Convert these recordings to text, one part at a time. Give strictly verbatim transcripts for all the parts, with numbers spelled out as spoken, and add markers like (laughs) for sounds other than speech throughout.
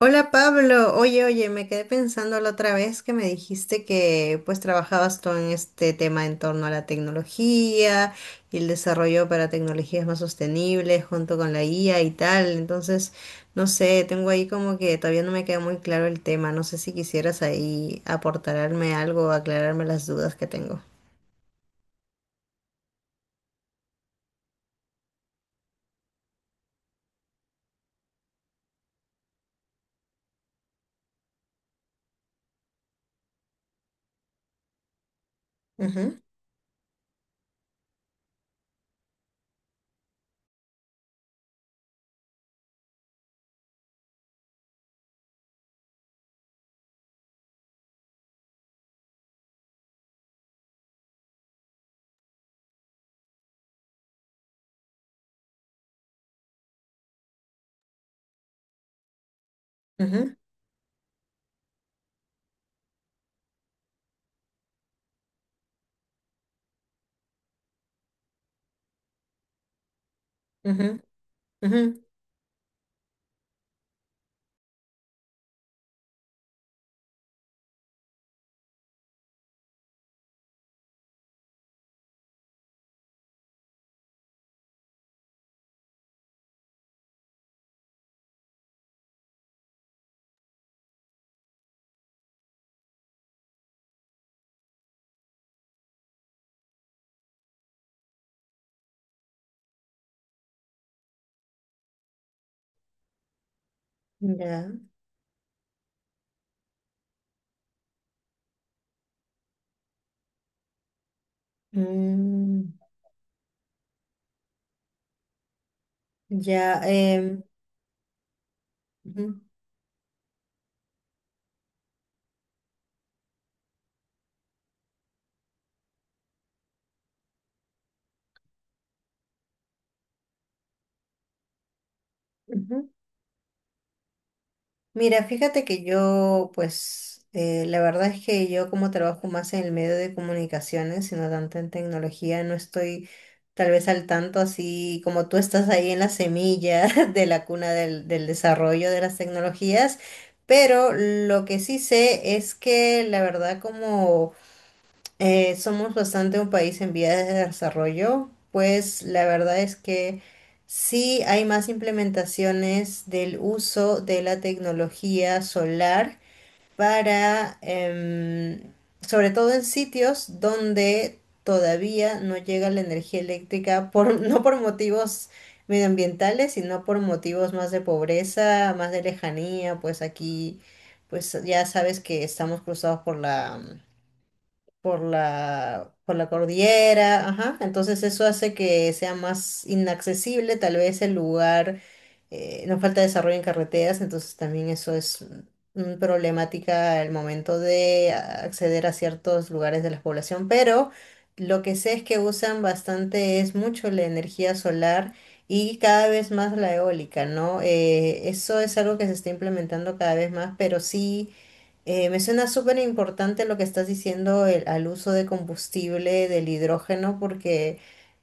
Hola Pablo, oye, oye, me quedé pensando la otra vez que me dijiste que pues trabajabas tú en este tema en torno a la tecnología y el desarrollo para tecnologías más sostenibles junto con la I A y tal. Entonces, no sé, tengo ahí como que todavía no me queda muy claro el tema. No sé si quisieras ahí aportarme algo, aclararme las dudas que tengo. Ujú, ujú, ujú, ujú. Ya. Mm, ya. em, ujú, ujú. Mira, fíjate que yo, pues, eh, la verdad es que yo como trabajo más en el medio de comunicaciones sino tanto en tecnología, no estoy tal vez al tanto así como tú estás ahí en la semilla (laughs) de la cuna del, del desarrollo de las tecnologías, pero lo que sí sé es que la verdad como eh, somos bastante un país en vías de desarrollo, pues la verdad es que sí hay más implementaciones del uso de la tecnología solar para, em, sobre todo en sitios donde todavía no llega la energía eléctrica, por, (laughs) no por motivos medioambientales, sino por motivos más de pobreza, más de lejanía, pues aquí, pues ya sabes que estamos cruzados por la por la, por la cordillera, ajá. Entonces eso hace que sea más inaccesible, tal vez el lugar, eh, nos falta desarrollo en carreteras, entonces también eso es un- un problemática al momento de a- acceder a ciertos lugares de la población, pero lo que sé es que usan bastante, es mucho la energía solar. Y cada vez más la eólica, ¿no? Eh, eso es algo que se está implementando cada vez más, pero sí, eh, me suena súper importante lo que estás diciendo el- al uso de combustible del hidrógeno porque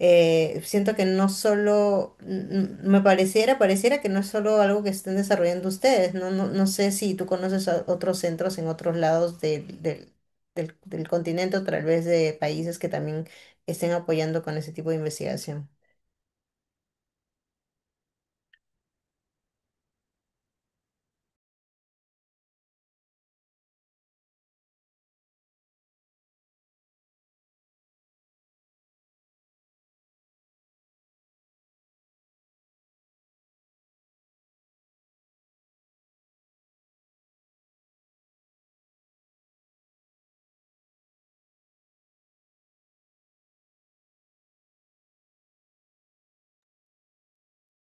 eh, siento que no solo, n- n- me pareciera, pareciera que no es solo algo que estén desarrollando ustedes, no, no, no sé si tú conoces a otros centros en otros lados del, del, del, del continente o tal vez de países que también estén apoyando con ese tipo de investigación.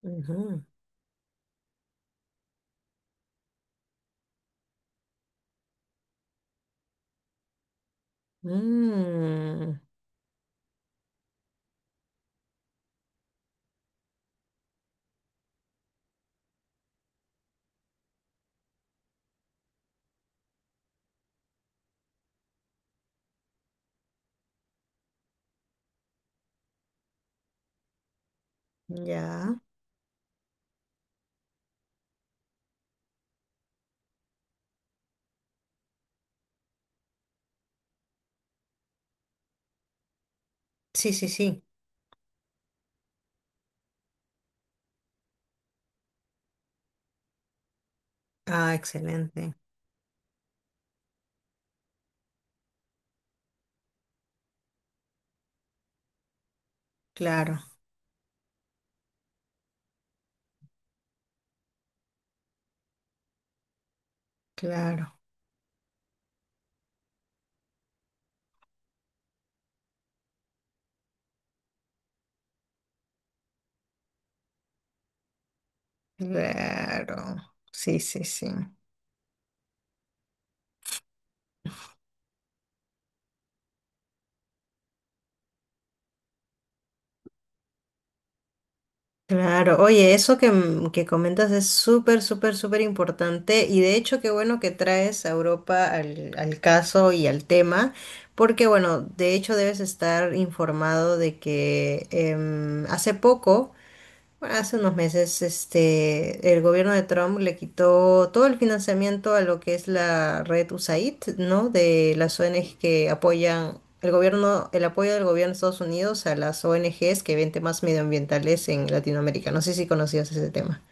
Ujú. Mm, ya. Sí, sí, sí. Ah, excelente. Claro, claro. Claro, sí, sí, sí. Claro, oye, eso que, m- que comentas es súper, súper, súper importante y de hecho qué bueno que traes a Europa al, al caso y al tema, porque bueno, de hecho debes estar informado de que em, hace poco. Bueno, hace unos meses, este, el gobierno de Trump le quitó todo el financiamiento a lo que es la red U S A I D, ¿no? De las O N Gs que apoyan el gobierno, el apoyo del gobierno de Estados Unidos a las O N Gs que ven temas medioambientales en Latinoamérica. No sé si conocías ese tema.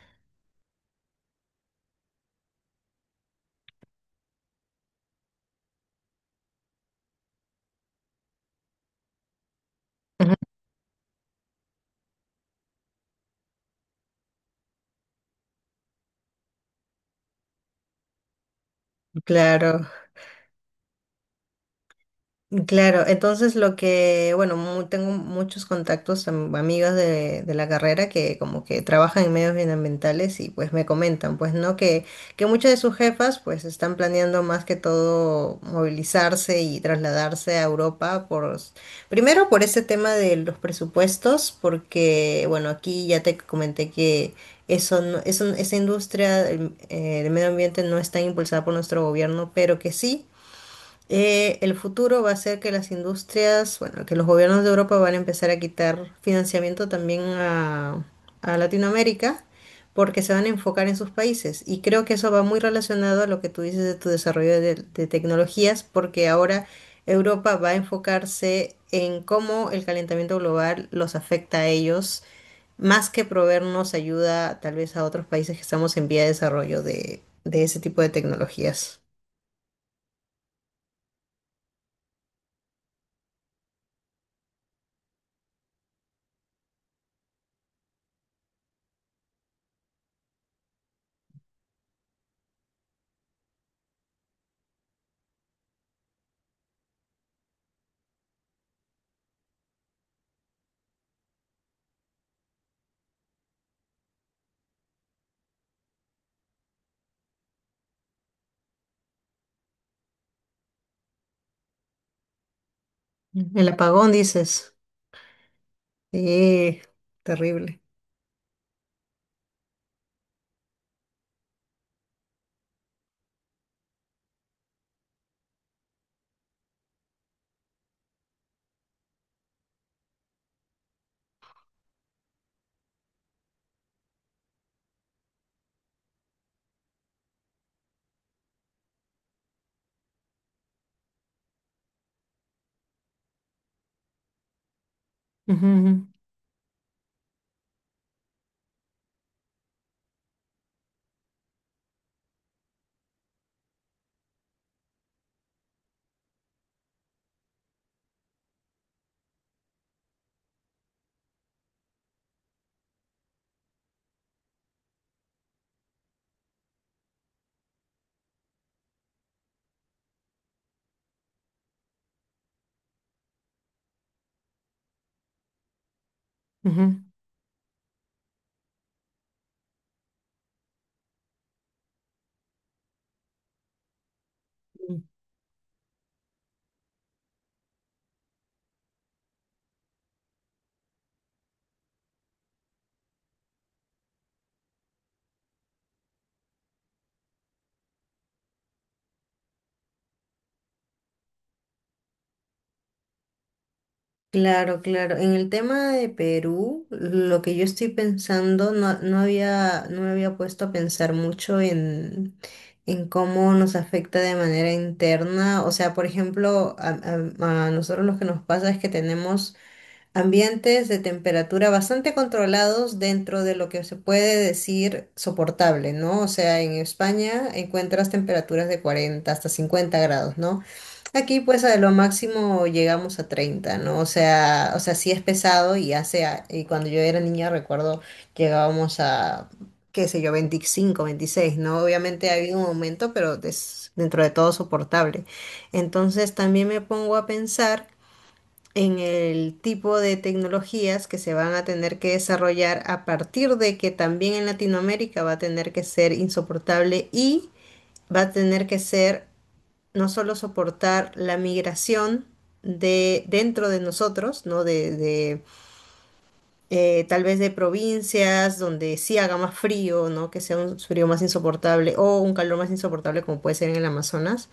Ujú. Claro. Claro, entonces lo que, bueno, mu- tengo muchos contactos, am- amigas de, de la carrera que como que trabajan en medios ambientales y pues me comentan, pues no, que, que muchas de sus jefas pues están planeando más que todo movilizarse y trasladarse a Europa por, s- primero por ese tema de los presupuestos, porque bueno, aquí ya te comenté que eso no- eso- esa industria del eh, del medio ambiente no está impulsada por nuestro gobierno, pero que sí. Eh, el futuro va a ser que las industrias, bueno, que los gobiernos de Europa van a empezar a quitar financiamiento también a, a Latinoamérica porque se van a enfocar en sus países. Y creo que eso va muy relacionado a lo que tú dices de tu desarrollo de, de tecnologías, porque ahora Europa va a enfocarse en cómo el calentamiento global los afecta a ellos, más que proveernos ayuda tal vez a otros países que estamos en vía de desarrollo de, de ese tipo de tecnologías. Ujú. El apagón, dices. Sí, terrible. Ujú, ujú. Mm. Claro, claro. En el tema de Perú, lo que yo estoy pensando, no, no había, no me había puesto a pensar mucho en, en cómo nos afecta de manera interna. O sea, por ejemplo, a, a- a nosotros lo que nos pasa es que tenemos ambientes de temperatura bastante controlados dentro de lo que se puede decir soportable, ¿no? O sea, en España encuentras temperaturas de cuarenta hasta cincuenta grados, ¿no? Aquí pues a lo máximo llegamos a treinta, ¿no? O sea, o sea, sí es pesado y hace, a- y cuando yo era niña recuerdo llegábamos a, qué sé yo, veinticinco, veintiséis, ¿no? Obviamente ha habido un aumento, pero es dentro de todo soportable. Entonces también me pongo a pensar en el tipo de tecnologías que se van a tener que desarrollar a partir de que también en Latinoamérica va a tener que ser insoportable y va a tener que ser no solo soportar la migración de dentro de nosotros, ¿no? De, de, eh, tal vez de provincias donde sí haga más frío, ¿no? Que sea un frío más insoportable o un calor más insoportable como puede ser en el Amazonas,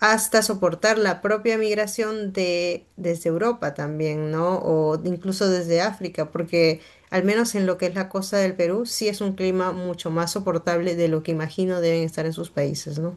hasta soportar la propia migración de, desde Europa también, ¿no? O incluso desde África, porque al menos en lo que es la costa del Perú, sí es un clima mucho más soportable de lo que imagino deben estar en sus países, ¿no?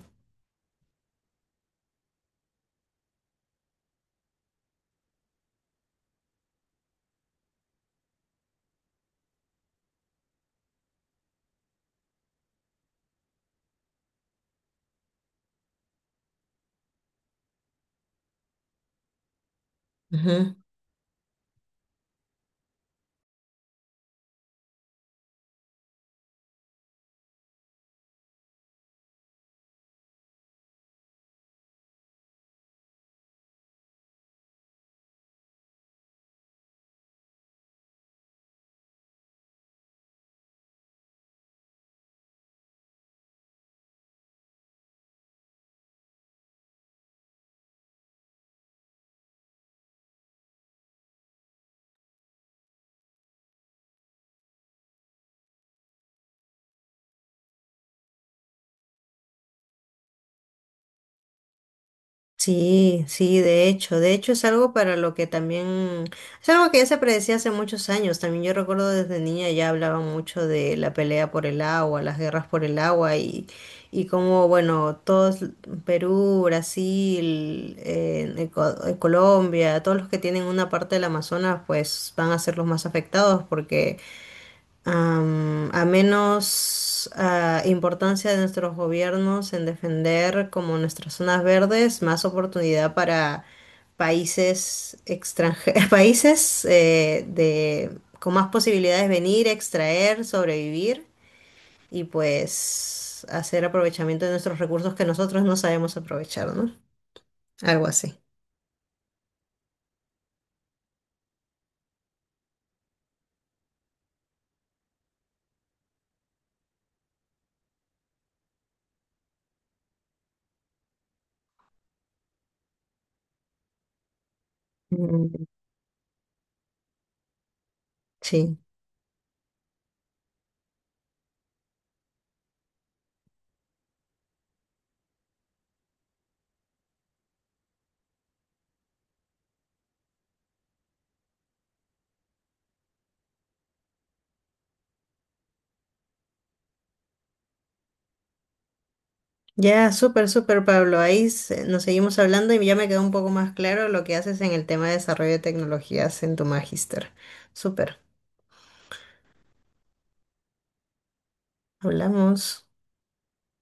Sí, sí, de hecho, de hecho es algo para lo que también, es algo que ya se predecía hace muchos años, también yo recuerdo desde niña ya hablaban mucho de la pelea por el agua, las guerras por el agua y, y cómo, bueno, todos, Perú, Brasil, eh, Eco- eh, Colombia, todos los que tienen una parte del Amazonas, pues van a ser los más afectados porque am, a menos ah, importancia de nuestros gobiernos en defender como nuestras zonas verdes, más oportunidad para países extranjeros, (laughs) países eh, de, con más posibilidades de venir, extraer, sobrevivir y pues hacer aprovechamiento de nuestros recursos que nosotros no sabemos aprovechar, ¿no? Algo así. Mm. Sí. Ya, súper, súper, Pablo. Ahí se- nos seguimos hablando y ya me quedó un poco más claro lo que haces en el tema de desarrollo de tecnologías en tu magíster. Súper, hablamos.